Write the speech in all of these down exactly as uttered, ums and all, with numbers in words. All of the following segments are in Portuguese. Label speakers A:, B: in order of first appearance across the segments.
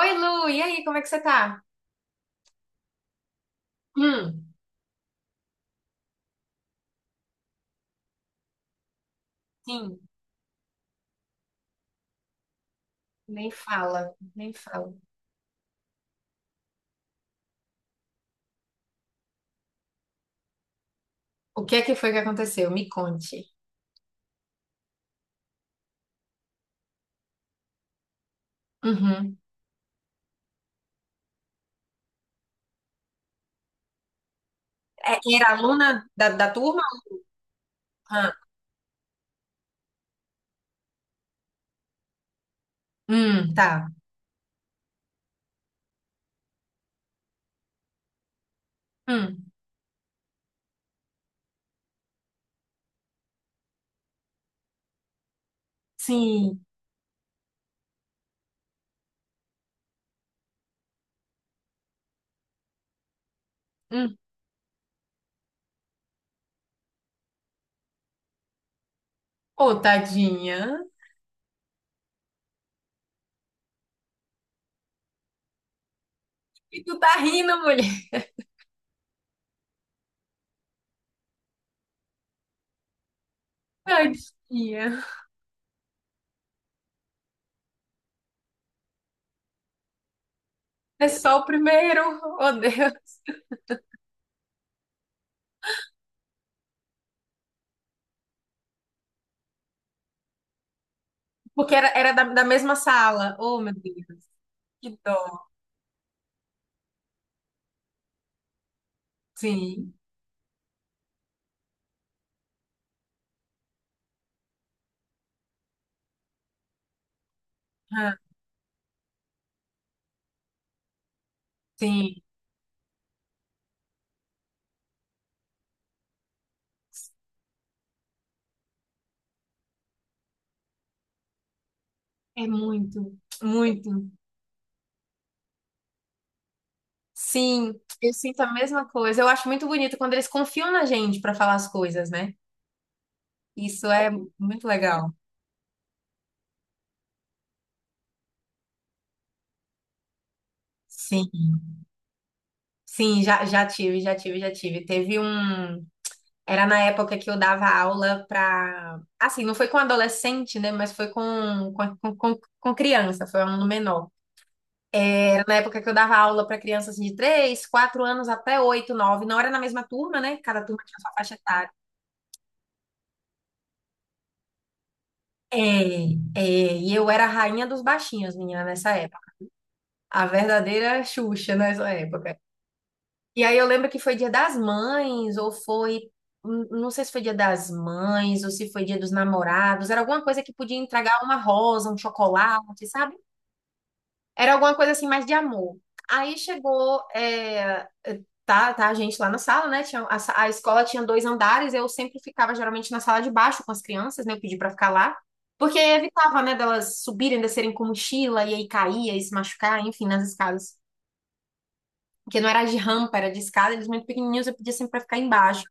A: Oi, Lu, e aí, como é que você tá? Hum. Sim. Nem fala, nem fala. O que é que foi que aconteceu? Me conte. Uhum. É, era aluna da, da turma? Ah, hum, tá. Hum, sim. Hum. Ô, tadinha. E tu tá rindo, mulher. Tadinha. É só o primeiro. Oh, Deus. Porque era, era da, da mesma sala. Oh, meu Deus. Que dó. Sim. Ah, sim. É muito, muito. Sim, eu sinto a mesma coisa. Eu acho muito bonito quando eles confiam na gente para falar as coisas, né? Isso é muito legal. Sim, sim, já, já tive, já tive, já tive. Teve um. Era na época que eu dava aula para. Assim, não foi com adolescente, né? Mas foi com, com, com, com com criança, foi um aluno menor. Era na época que eu dava aula para crianças assim, de três quatro anos até oito nove. Não era na mesma turma, né? Cada turma tinha sua faixa etária. É, é, e eu era a rainha dos baixinhos, menina, nessa época. A verdadeira Xuxa nessa época. E aí eu lembro que foi Dia das Mães, ou foi. n- Não sei se foi Dia das Mães, ou se foi Dia dos Namorados. Era alguma coisa que podia entregar uma rosa, um chocolate, sabe? Era alguma coisa assim mais de amor. Aí chegou. É. Tá, tá, a gente lá na sala, né? Tinha, a, sa- a escola tinha dois andares, eu sempre ficava geralmente na sala de baixo com as crianças, né? Eu pedi pra ficar lá. Porque aí evitava, né, delas subirem, descerem com mochila e aí caía e se machucar, enfim, nas escadas. Que não era de rampa, era de escada, eles muito pequenininhos, eu pedia sempre para ficar embaixo.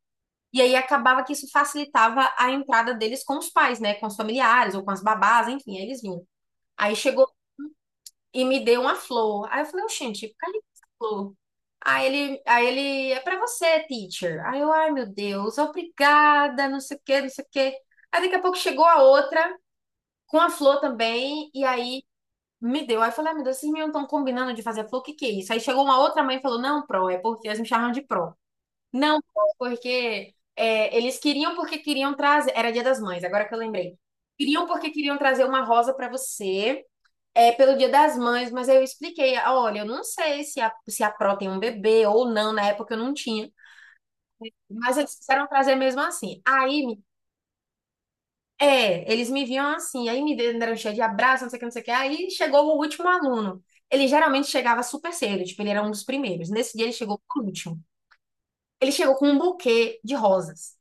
A: E aí acabava que isso facilitava a entrada deles com os pais, né? Com os familiares ou com as babás, enfim, aí eles vinham. Aí chegou e me deu uma flor. Aí eu falei, gente, cadê essa flor? Aí ele, aí ele, é pra você, teacher. Aí eu, ai meu Deus, obrigada, não sei o quê, não sei o quê. Aí daqui a pouco chegou a outra, com a flor também, e aí me deu. Aí eu falei, ai meu Deus, vocês me estão combinando de fazer a flor, o que que é isso? Aí chegou uma outra mãe e falou, não, pro, é porque eles me chamam de pro. Não, porque é, eles queriam porque queriam trazer. Era Dia das Mães, agora que eu lembrei. Queriam porque queriam trazer uma rosa para você, é, pelo Dia das Mães, mas aí eu expliquei: "Ah, olha, eu não sei se a, se a Pro tem um bebê ou não, na época eu não tinha, mas eles quiseram trazer mesmo assim." Aí, me- é, eles me viam assim, aí me deram cheio de abraço, não sei o que, não sei o que. Aí chegou o último aluno. Ele geralmente chegava super cedo, tipo, ele era um dos primeiros. Nesse dia ele chegou por último. Ele chegou com um buquê de rosas.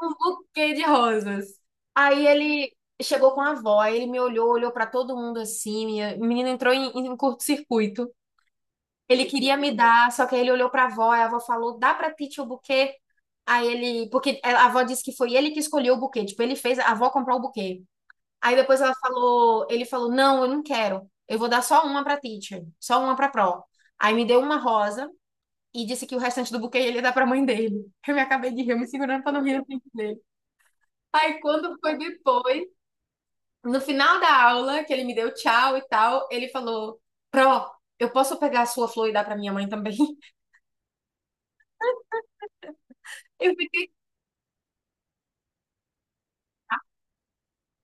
A: Um buquê de rosas. Aí ele chegou com a avó, aí ele me olhou, olhou pra todo mundo assim, minha... o menino entrou em, em curto-circuito. Ele queria me dar, só que aí ele olhou pra avó, e a avó falou: "Dá pra ti tio, o buquê?" Aí ele, porque a avó disse que foi ele que escolheu o buquê, tipo, ele fez a avó comprar o buquê. Aí depois ela falou, ele falou: "Não, eu não quero. Eu vou dar só uma pra teacher, só uma pra pró". Aí me deu uma rosa e disse que o restante do buquê ele ia dar pra mãe dele. Eu me acabei de rir, eu me segurando pra não rir na frente. Aí quando foi depois, no final da aula, que ele me deu tchau e tal, ele falou: Pró, eu posso pegar a sua flor e dar pra minha mãe também? Eu fiquei,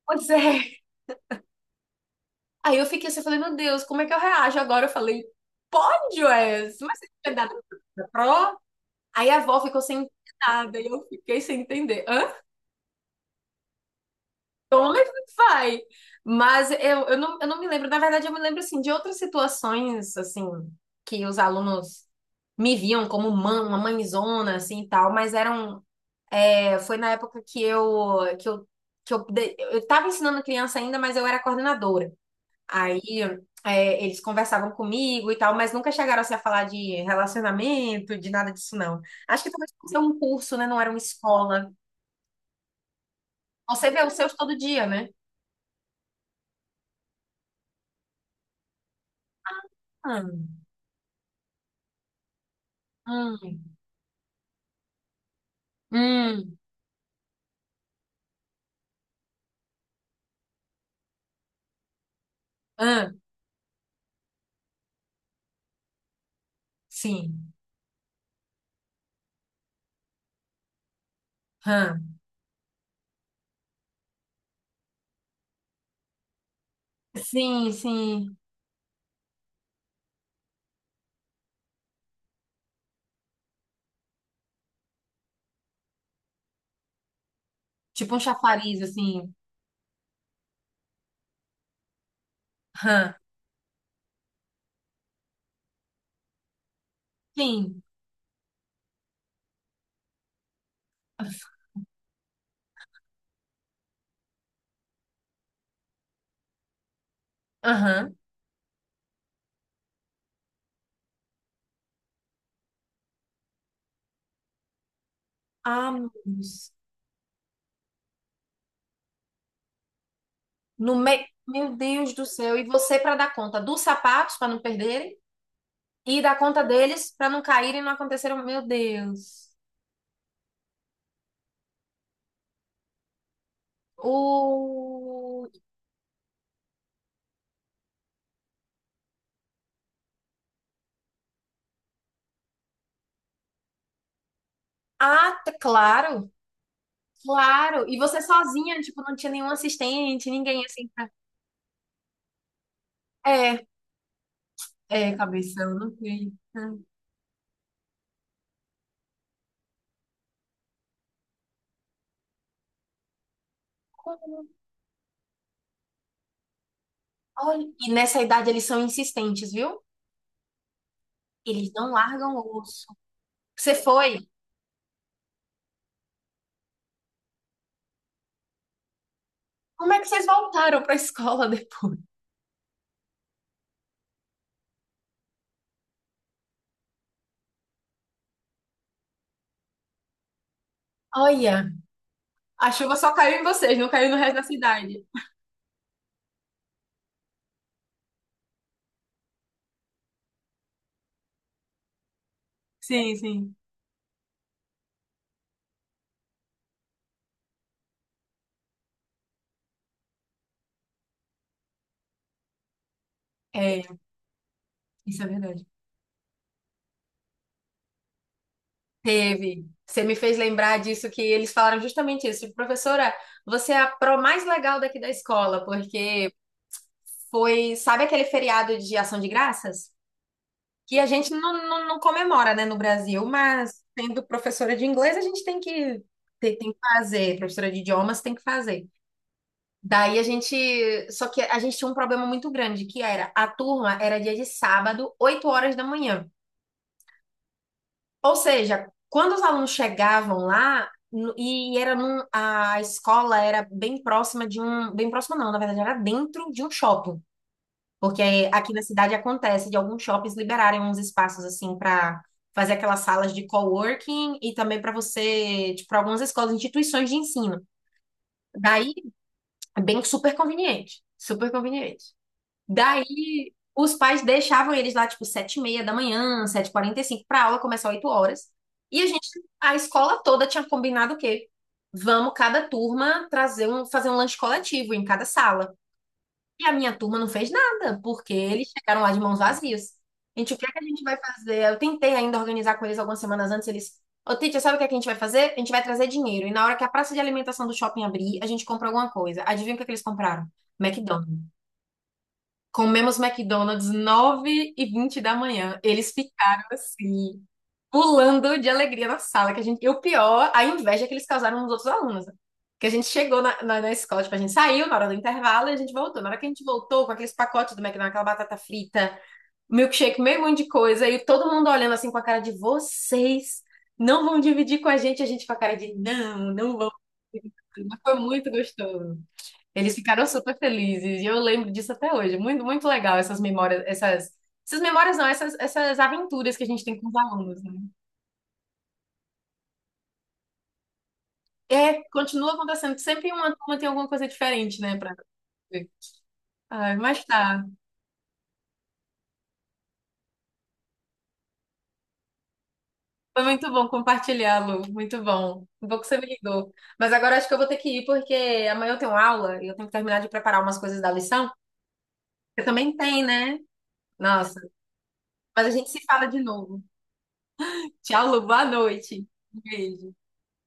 A: pois é. Aí eu fiquei assim, eu falei, meu Deus, como é que eu reajo agora? Eu falei, pode, Wes, mas você não vai dar pra Pró? Aí a avó ficou sem entender nada e eu fiquei sem entender. Toma e vai. Mas eu, eu, não, eu não me lembro. Na verdade, eu me lembro, assim, de outras situações, assim, que os alunos me viam como mãe, uma mãezona, assim, e tal. Mas eram... é, foi na época que eu... Que eu que eu, de- eu tava ensinando criança ainda, mas eu era coordenadora. Aí é, eles conversavam comigo e tal, mas nunca chegaram assim, a falar de relacionamento, de nada disso, não. Acho que talvez por ser um curso, né? Não era uma escola. Você vê os seus todo dia, né? Hum, hum. Hum, hã, sim, hã, sim, sim. Tipo um chafariz, assim. Hã. Sim. Aham. Ah, meu Deus. No meio. Meu Deus do céu. E você para dar conta dos sapatos para não perderem e dar conta deles para não caírem e não acontecerem. um, Meu Deus. O... Ah, tá- claro, claro. E você sozinha, tipo, não tinha nenhum assistente, ninguém assim. pra- É, é, cabeção, não tem. Hum. Olha, e nessa idade eles são insistentes, viu? Eles não largam o osso. Você foi? Como é que vocês voltaram pra escola depois? Olha, a chuva só caiu em vocês, não caiu no resto da cidade. Sim, sim. É, isso é verdade. Teve. Você me fez lembrar disso que eles falaram justamente isso. Tipo, professora, você é a pro mais legal daqui da escola, porque foi, sabe aquele feriado de Ação de Graças? Que a gente não, não, não comemora, né, no Brasil, mas sendo professora de inglês, a gente tem que, tem, tem que fazer, professora de idiomas tem que fazer. Daí a gente, só que a gente tinha um problema muito grande, que era, a turma era dia de sábado, oito horas da manhã. Ou seja, quando os alunos chegavam lá, no- e era num, a escola era bem próxima de um, bem próxima não, na verdade era dentro de um shopping. Porque aqui na cidade acontece de alguns shoppings liberarem uns espaços assim para fazer aquelas salas de coworking e também para você, tipo, para algumas escolas, instituições de ensino. Daí, é bem super conveniente, super conveniente. Daí, os pais deixavam eles lá, tipo, sete e meia da manhã, sete e quarenta e cinco, para aula começar oito horas. E a gente, a escola toda tinha combinado o quê? Vamos cada turma trazer um, fazer um lanche coletivo em cada sala. E a minha turma não fez nada, porque eles chegaram lá de mãos vazias. A gente, o que é que a gente vai fazer? Eu tentei ainda organizar com eles algumas semanas antes, eles... Ô, Titi, sabe o que é que a gente vai fazer? A gente vai trazer dinheiro. E na hora que a praça de alimentação do shopping abrir, a gente compra alguma coisa. Adivinha o que é que eles compraram? McDonald's. Comemos McDonald's nove e vinte da manhã. Eles ficaram assim pulando de alegria na sala. Que a gente... E o pior, a inveja que eles causaram nos outros alunos, né? Que a gente chegou na, na, na escola, tipo, a gente saiu na hora do intervalo e a gente voltou. Na hora que a gente voltou, com aqueles pacotes do McDonald's, aquela batata frita, milkshake, meio monte de coisa, e todo mundo olhando assim com a cara de vocês não vão dividir com a gente, a gente com a cara de não, não vão dividir. Mas foi muito gostoso. Eles ficaram super felizes e eu lembro disso até hoje. Muito, muito legal essas memórias, essas, essas memórias não, essas, essas aventuras que a gente tem com os alunos, né? É, continua acontecendo. Sempre uma turma tem alguma coisa diferente, né, pra ver. Ai, mas tá. Foi muito bom compartilhar, Lu. Muito bom. Um pouco você me ligou. Mas agora acho que eu vou ter que ir, porque amanhã eu tenho aula e eu tenho que terminar de preparar umas coisas da lição. Você também tem, né? Nossa. Mas a gente se fala de novo. Tchau, Lu. Boa noite. Um beijo.